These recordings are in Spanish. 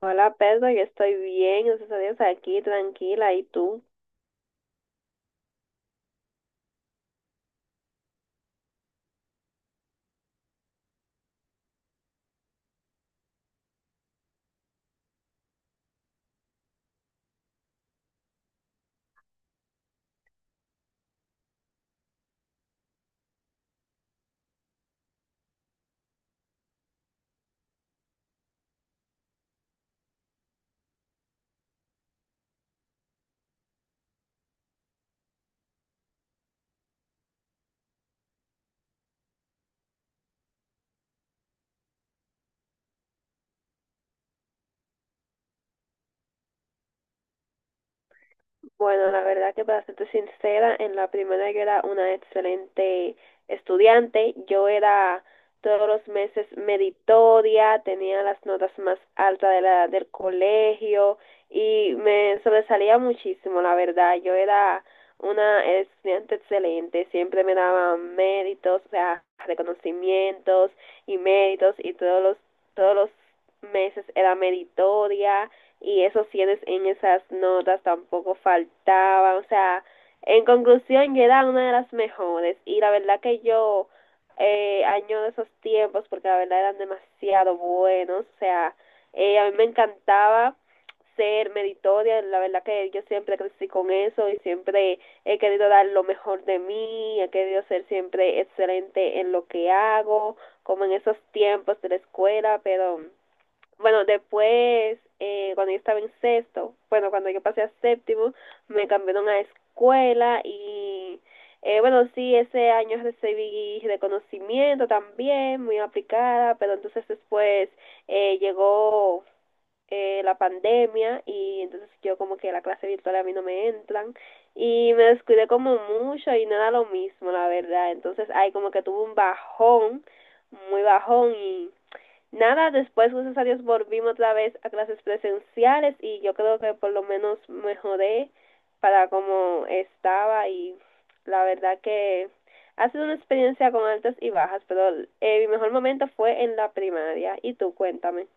Hola Pedro, yo estoy bien, gracias a Dios, aquí tranquila. ¿Y tú? Bueno, la verdad que para serte sincera, en la primera yo era una excelente estudiante. Yo era todos los meses meritoria, tenía las notas más altas de del colegio y me sobresalía muchísimo, la verdad. Yo era una estudiante excelente, siempre me daban méritos, o sea, reconocimientos y méritos y todos los meses era meritoria, y esos cienes en esas notas tampoco faltaban. O sea, en conclusión, yo era una de las mejores y la verdad que yo añoro esos tiempos porque la verdad eran demasiado buenos. O sea, a mí me encantaba ser meritoria, la verdad que yo siempre crecí con eso y siempre he querido dar lo mejor de mí, he querido ser siempre excelente en lo que hago, como en esos tiempos de la escuela. Pero bueno, después, cuando yo estaba en sexto, bueno, cuando yo pasé a séptimo, me cambiaron a escuela y, bueno, sí, ese año recibí reconocimiento también, muy aplicada, pero entonces después llegó la pandemia, y entonces yo como que la clase virtual a mí no me entran y me descuidé como mucho y no era lo mismo, la verdad. Entonces ahí como que tuve un bajón, muy bajón, y nada, después, gracias a Dios, volvimos otra vez a clases presenciales y yo creo que por lo menos mejoré para como estaba. Y la verdad que ha sido una experiencia con altas y bajas, pero mi mejor momento fue en la primaria. Y tú, cuéntame.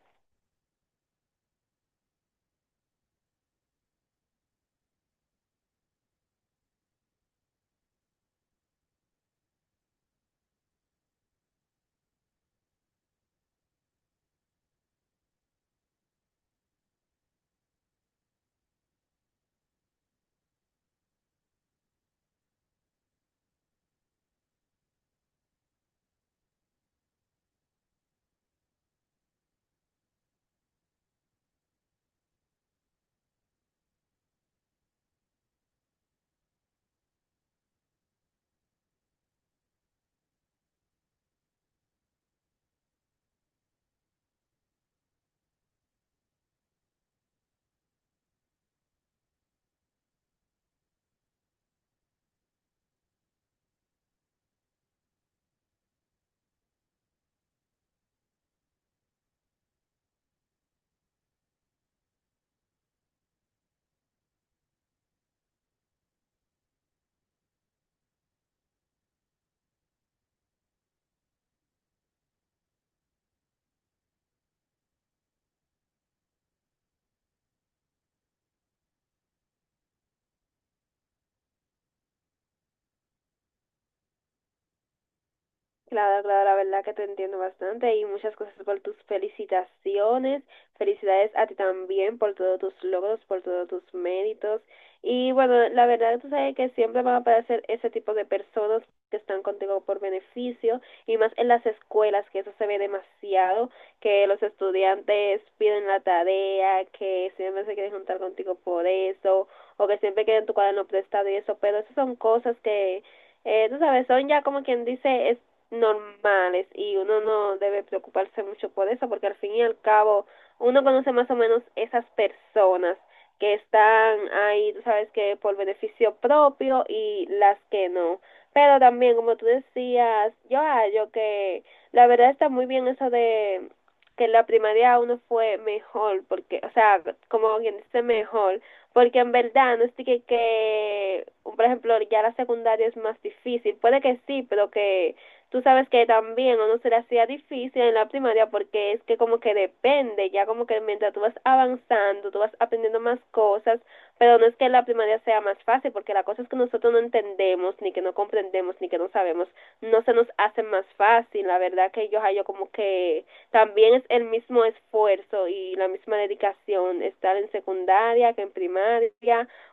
Claro, claro, la verdad que te entiendo bastante y muchas cosas por tus felicitaciones. Felicidades a ti también por todos tus logros, por todos tus méritos. Y bueno, la verdad tú sabes que siempre van a aparecer ese tipo de personas que están contigo por beneficio y más en las escuelas, que eso se ve demasiado, que los estudiantes piden la tarea, que siempre se quieren juntar contigo por eso, o que siempre quieren tu cuaderno prestado y eso, pero esas son cosas que tú sabes, son ya como quien dice normales, y uno no debe preocuparse mucho por eso porque al fin y al cabo uno conoce más o menos esas personas que están ahí, tú sabes, que por beneficio propio y las que no. Pero también, como tú decías, yo hallo que la verdad está muy bien eso de que en la primaria uno fue mejor, porque, o sea, como quien dice mejor, porque en verdad no es que, por ejemplo, ya la secundaria es más difícil, puede que sí, pero que tú sabes que también a uno se le hacía difícil en la primaria porque es que como que depende, ya como que mientras tú vas avanzando, tú vas aprendiendo más cosas, pero no es que la primaria sea más fácil porque las cosas que nosotros no entendemos, ni que no comprendemos, ni que no sabemos, no se nos hacen más fácil. La verdad que yo hallo como que también es el mismo esfuerzo y la misma dedicación estar en secundaria que en primaria,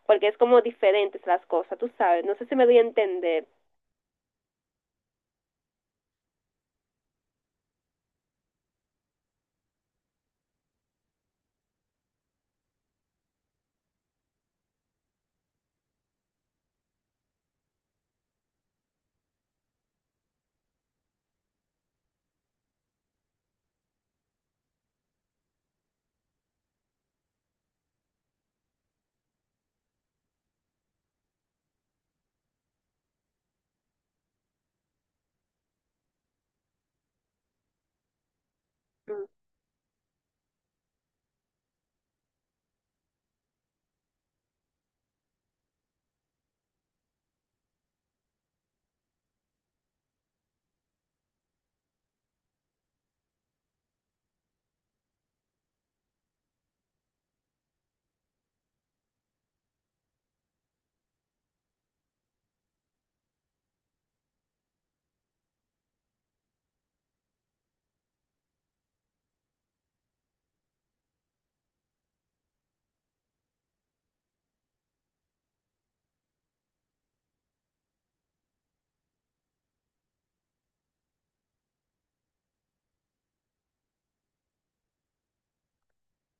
porque es como diferentes las cosas, tú sabes, no sé si me doy a entender.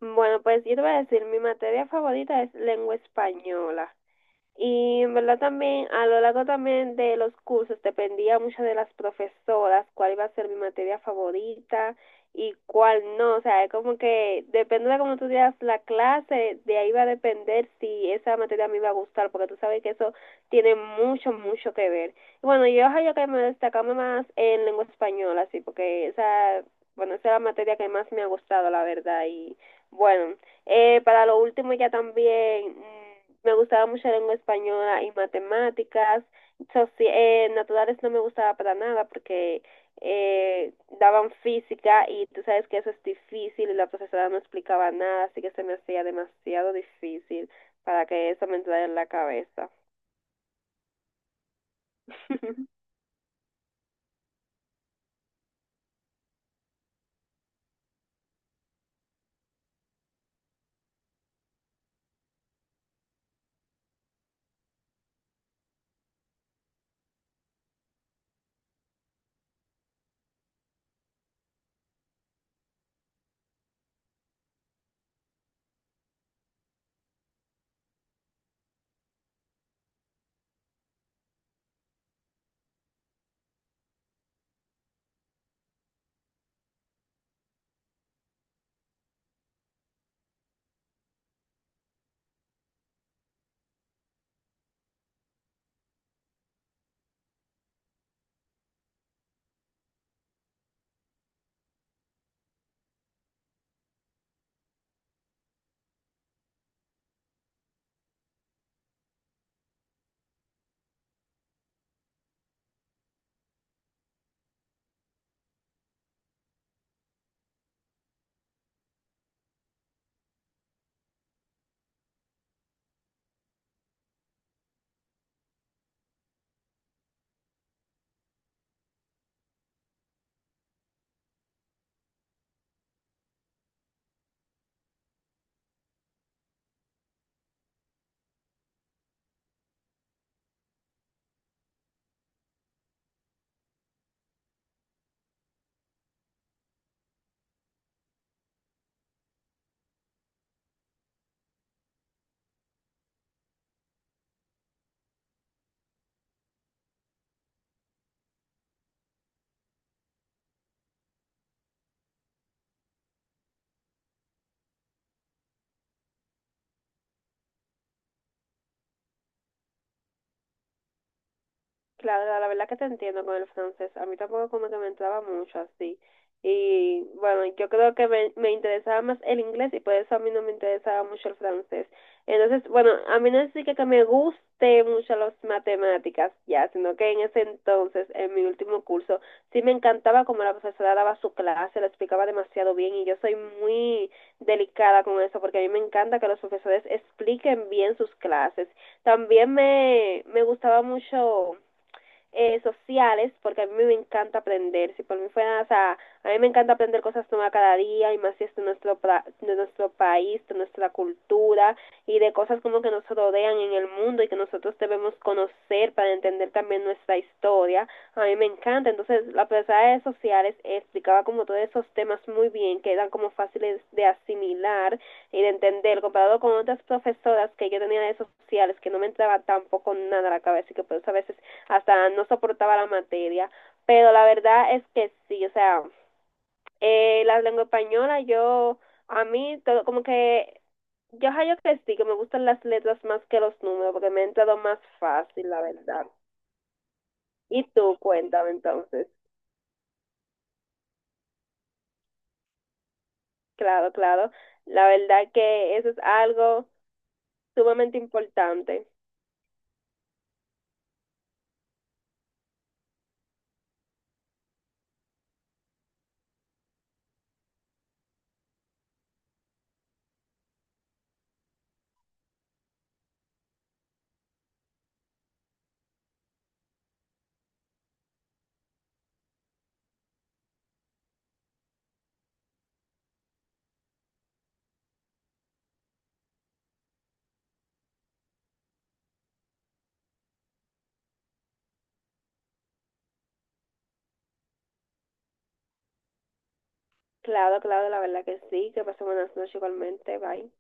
Bueno, pues yo te voy a decir, mi materia favorita es lengua española. Y en verdad también, a lo largo también de los cursos, dependía mucho de las profesoras cuál iba a ser mi materia favorita y cuál no. O sea, es como que depende de cómo tú digas la clase, de ahí va a depender si esa materia a mí me va a gustar, porque tú sabes que eso tiene mucho, mucho que ver. Y bueno, yo creo que me destacaba más en lengua española, sí, porque esa, bueno, esa es la materia que más me ha gustado, la verdad. Y bueno. Para lo último ya también me gustaba mucho la lengua española y matemáticas. Naturales no me gustaba para nada porque eh, daban física y tú sabes que eso es difícil y la profesora no explicaba nada, así que se me hacía demasiado difícil para que eso me entrara en la cabeza. Claro, la verdad que te entiendo con el francés. A mí tampoco como que me entraba mucho así. Y bueno, yo creo que me interesaba más el inglés y por eso a mí no me interesaba mucho el francés. Entonces, bueno, a mí no es así que me guste mucho las matemáticas ya, sino que en ese entonces, en mi último curso, sí me encantaba como la profesora daba su clase, la explicaba demasiado bien y yo soy muy delicada con eso porque a mí me encanta que los profesores expliquen bien sus clases. También me gustaba mucho sociales, porque a mí me encanta aprender. Si por mí fuera, o sea, a mí me encanta aprender cosas nuevas cada día y más si es de nuestro país, de nuestra cultura y de cosas como que nos rodean en el mundo y que nosotros debemos conocer para entender también nuestra historia. A mí me encanta. Entonces, la profesora de sociales explicaba como todos esos temas muy bien, que eran como fáciles de asimilar y de entender, comparado con otras profesoras que yo tenía de sociales, que no me entraba tampoco nada a la cabeza y que por eso a veces hasta no soportaba la materia, pero la verdad es que sí, o sea, la lengua española yo, a mí, todo, como que yo hallo que sí, que me gustan las letras más que los números, porque me ha entrado más fácil, la verdad. Y tú, cuéntame entonces. Claro, claro. La verdad que eso es algo sumamente importante. Claro, claro, la verdad que sí. Que pasen buenas noches igualmente. Bye.